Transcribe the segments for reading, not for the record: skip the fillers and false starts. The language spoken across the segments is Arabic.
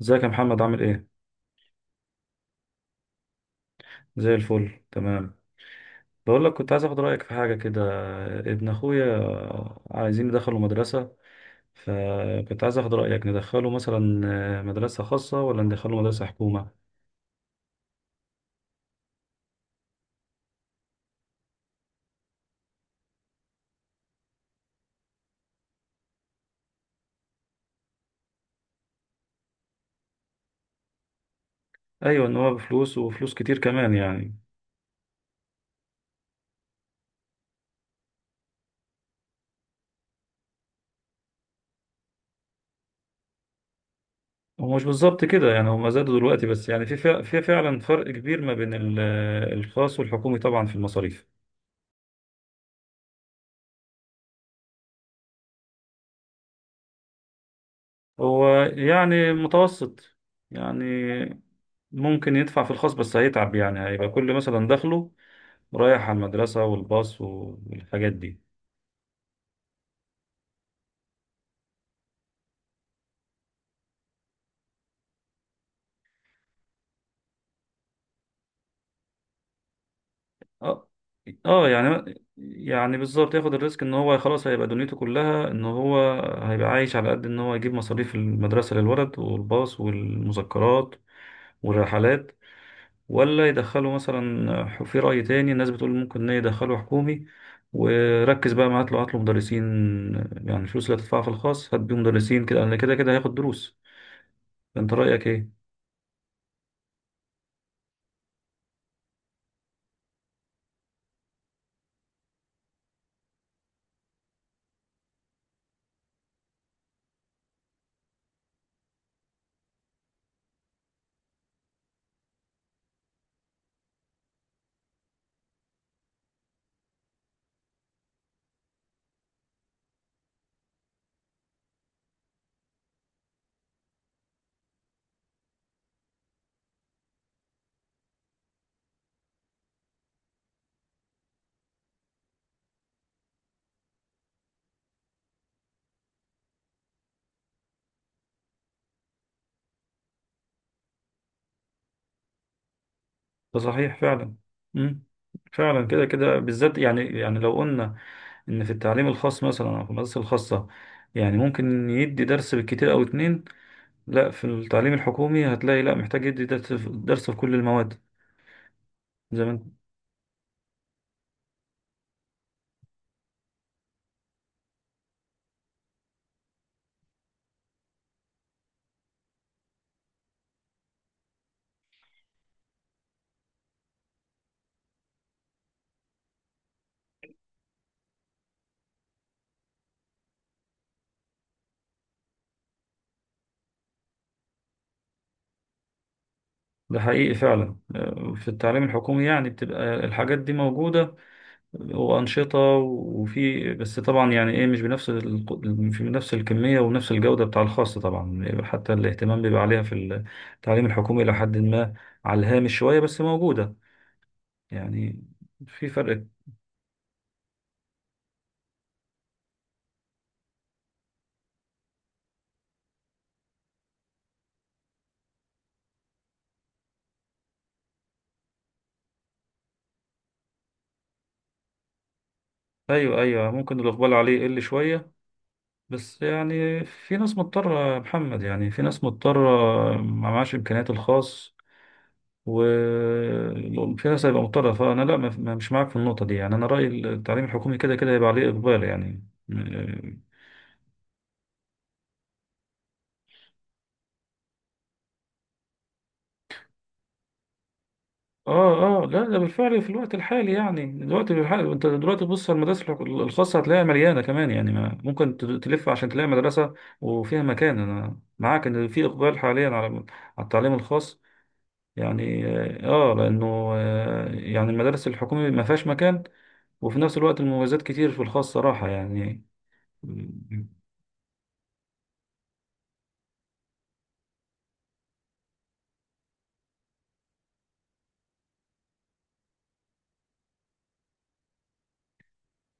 ازيك يا محمد عامل ايه؟ زي الفل، تمام. بقول لك، كنت عايز اخد رايك في حاجه كده. ابن اخويا عايزين ندخله مدرسه، فكنت عايز اخد رايك، ندخله مثلا مدرسه خاصه ولا ندخله مدرسه حكومه؟ ايوه، ان هو بفلوس وفلوس كتير كمان يعني. هو مش بالظبط كده يعني، هما زادوا دلوقتي، بس يعني في فعلا فرق كبير ما بين الخاص والحكومي طبعا في المصاريف. هو يعني متوسط، يعني ممكن يدفع في الخاص بس هيتعب، يعني هيبقى كل مثلا دخله رايح على المدرسة والباص والحاجات دي. اه، اه، يعني بالظبط، ياخد الريسك، ان هو خلاص هيبقى دنيته كلها، ان هو هيبقى عايش على قد ان هو يجيب مصاريف المدرسة للولد والباص والمذكرات والرحلات. ولا يدخله مثلا، في رأي تاني الناس بتقول ممكن ان يدخله حكومي، وركز بقى معاه، هات له مدرسين. يعني الفلوس اللي هتدفعها في الخاص هات بيه مدرسين كده، لأن كده كده هياخد دروس. فانت رأيك ايه؟ ده صحيح فعلا. مم. فعلا كده كده بالذات، يعني لو قلنا ان في التعليم الخاص مثلا، او في المدارس الخاصه، يعني ممكن يدي درس بالكتير او اتنين. لا، في التعليم الحكومي هتلاقي، لا، محتاج يدي درس في درس في كل المواد. زي ما انت- ده حقيقي فعلا. في التعليم الحكومي يعني بتبقى الحاجات دي موجوده، وأنشطة، وفي، بس طبعا يعني إيه، مش بنفس في نفس الكمية ونفس الجودة بتاع الخاص طبعا. حتى الاهتمام بيبقى عليها في التعليم الحكومي إلى حد ما، على الهامش شوية، بس موجودة يعني. في فرق. أيوه، أيوه، ممكن الإقبال عليه يقل شوية، بس يعني في ناس مضطرة يا محمد، يعني في ناس مضطرة ما معهاش إمكانيات الخاص والقياس، هيبقى مضطرة. فأنا، لا، مش معاك في النقطة دي، يعني أنا رأيي التعليم الحكومي كده كده هيبقى عليه إقبال يعني. آه، آه، لا، ده بالفعل في الوقت الحالي، يعني دلوقتي بالحالي أنت دلوقتي بص على المدارس الخاصة هتلاقيها مليانة، كمان يعني ما ممكن تلف عشان تلاقي مدرسة وفيها مكان. أنا معاك إن في إقبال حاليا على التعليم الخاص يعني. آه، آه، لأنه يعني المدارس الحكومية ما فيهاش مكان، وفي نفس الوقت المميزات كتير في الخاص صراحة يعني.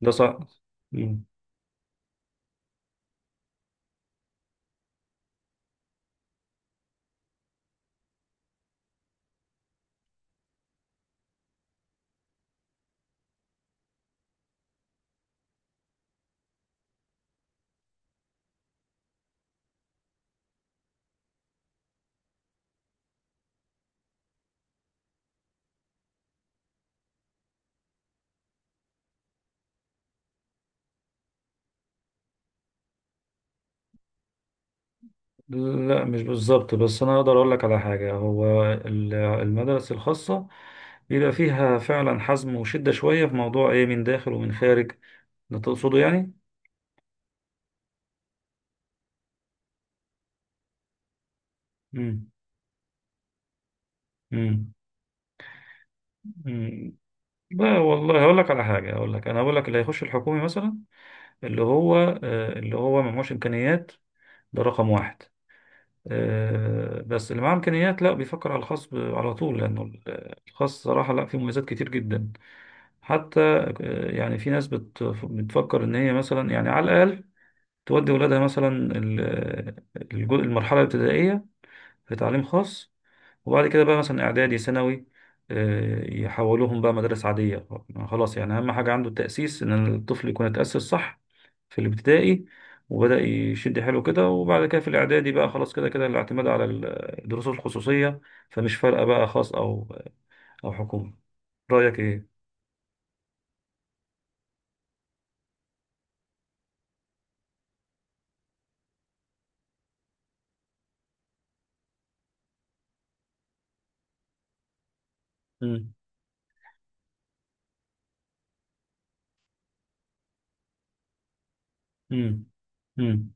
ده صح. مم. لا، مش بالظبط، بس انا اقدر اقول لك على حاجه. هو المدارس الخاصه بيبقى فيها فعلا حزم وشده شويه في موضوع ايه، من داخل ومن خارج، ده تقصده يعني. مم. مم. مم. لا والله، هقول لك على حاجه، هقول لك انا هقول لك اللي هيخش الحكومي مثلا، اللي هو، اللي هو ما معهوش امكانيات، ده رقم واحد. بس اللي معاه امكانيات، لا، بيفكر على الخاص على طول، لانه الخاص صراحه، لا، فيه مميزات كتير جدا، حتى يعني في ناس بتفكر ان هي مثلا، يعني على الاقل تودي ولادها مثلا، المرحله الابتدائيه في تعليم خاص، وبعد كده بقى مثلا اعدادي ثانوي، يحولوهم بقى مدارس عاديه. خلاص يعني، اهم حاجه عنده التاسيس، ان الطفل يكون اتاسس صح في الابتدائي، وبدا يشد حيله كده. وبعد كده في الاعدادي بقى خلاص، كده كده الاعتماد على الدروس الخصوصيه. فمش فارقه بقى خاص او حكومه. رايك ايه؟ امم. امم.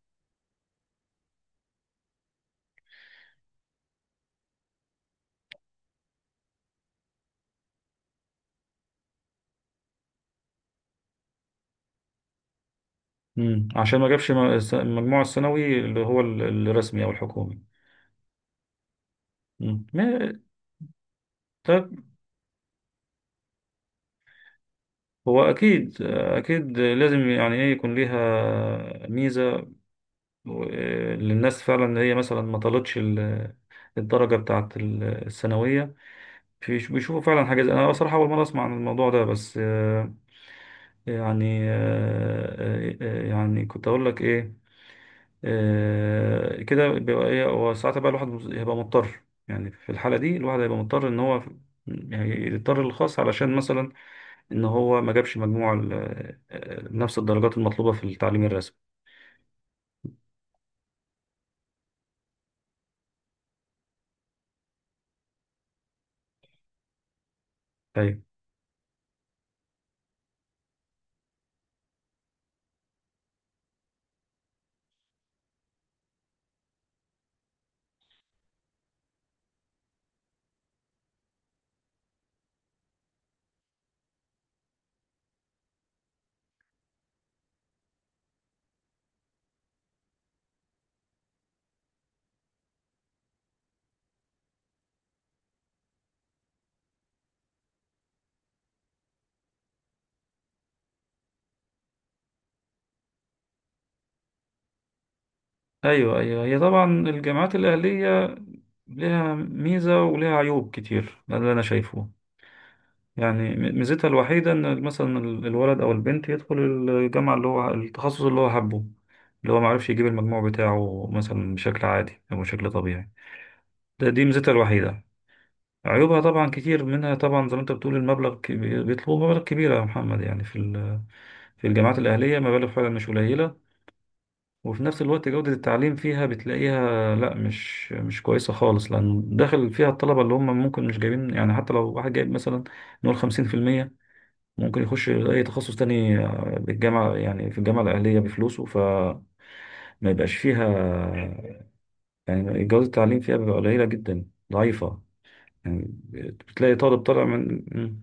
مم. عشان ما جابش المجموع الثانوي، اللي هو الرسمي او الحكومي. مم. طب، هو اكيد اكيد لازم يعني ايه، يكون ليها ميزة و- للناس، فعلا ان هي مثلا ما طالتش الدرجة بتاعت الثانوية، بيشوفوا فعلا حاجة زي. انا بصراحة اول مرة اسمع عن الموضوع ده، بس يعني آه، يعني كنت اقول لك ايه؟ كده بيبقى ايه، هو ساعتها بقى الواحد هيبقى مضطر، يعني في الحالة دي الواحد هيبقى مضطر ان هو يعني يضطر للخاص، علشان مثلا ان هو ما جابش مجموع نفس الدرجات المطلوبة في التعليم الرسمي. ايوه، ايوه، ايوه، هي طبعا الجامعات الأهلية لها ميزة ولها عيوب كتير، ده اللي انا شايفه. يعني ميزتها الوحيدة إن مثلا الولد أو البنت يدخل الجامعة، اللي هو التخصص اللي هو حبه، اللي هو معرفش يجيب المجموع بتاعه مثلا بشكل عادي أو بشكل طبيعي. دي ميزتها الوحيدة. عيوبها طبعا كتير، منها طبعا، زي ما أنت بتقول، المبلغ بيطلبوا مبالغ كبيرة يا محمد، يعني في الجامعات الأهلية مبالغ فعلا مش قليلة. وفي نفس الوقت جودة التعليم فيها بتلاقيها، لا، مش كويسة خالص، لأن داخل فيها الطلبة اللي هم ممكن مش جايبين، يعني حتى لو واحد جايب مثلا، نقول 50%، ممكن يخش اي تخصص تاني بالجامعة، يعني في الجامعة الأهلية بفلوسه، ما يبقاش فيها، يعني جودة التعليم فيها بيبقى قليلة جدا، ضعيفة يعني. بتلاقي طالب طالع من. مم.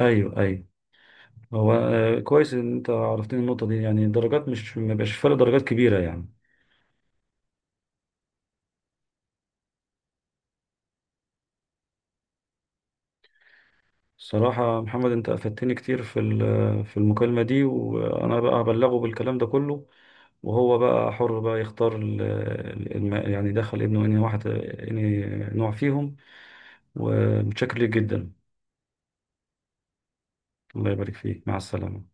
أيوه، أيوه، هو كويس إن أنت عرفتني النقطة دي، يعني الدرجات، مش ما بيبقاش فرق درجات كبيرة يعني. صراحة محمد، أنت أفدتني كتير في المكالمة دي، وأنا بقى هبلغه بالكلام ده كله، وهو بقى حر بقى يختار يعني دخل ابنه أنهي واحد، أنهي نوع فيهم. ومتشكر ليك جدا. الله يبارك فيك، مع السلامة.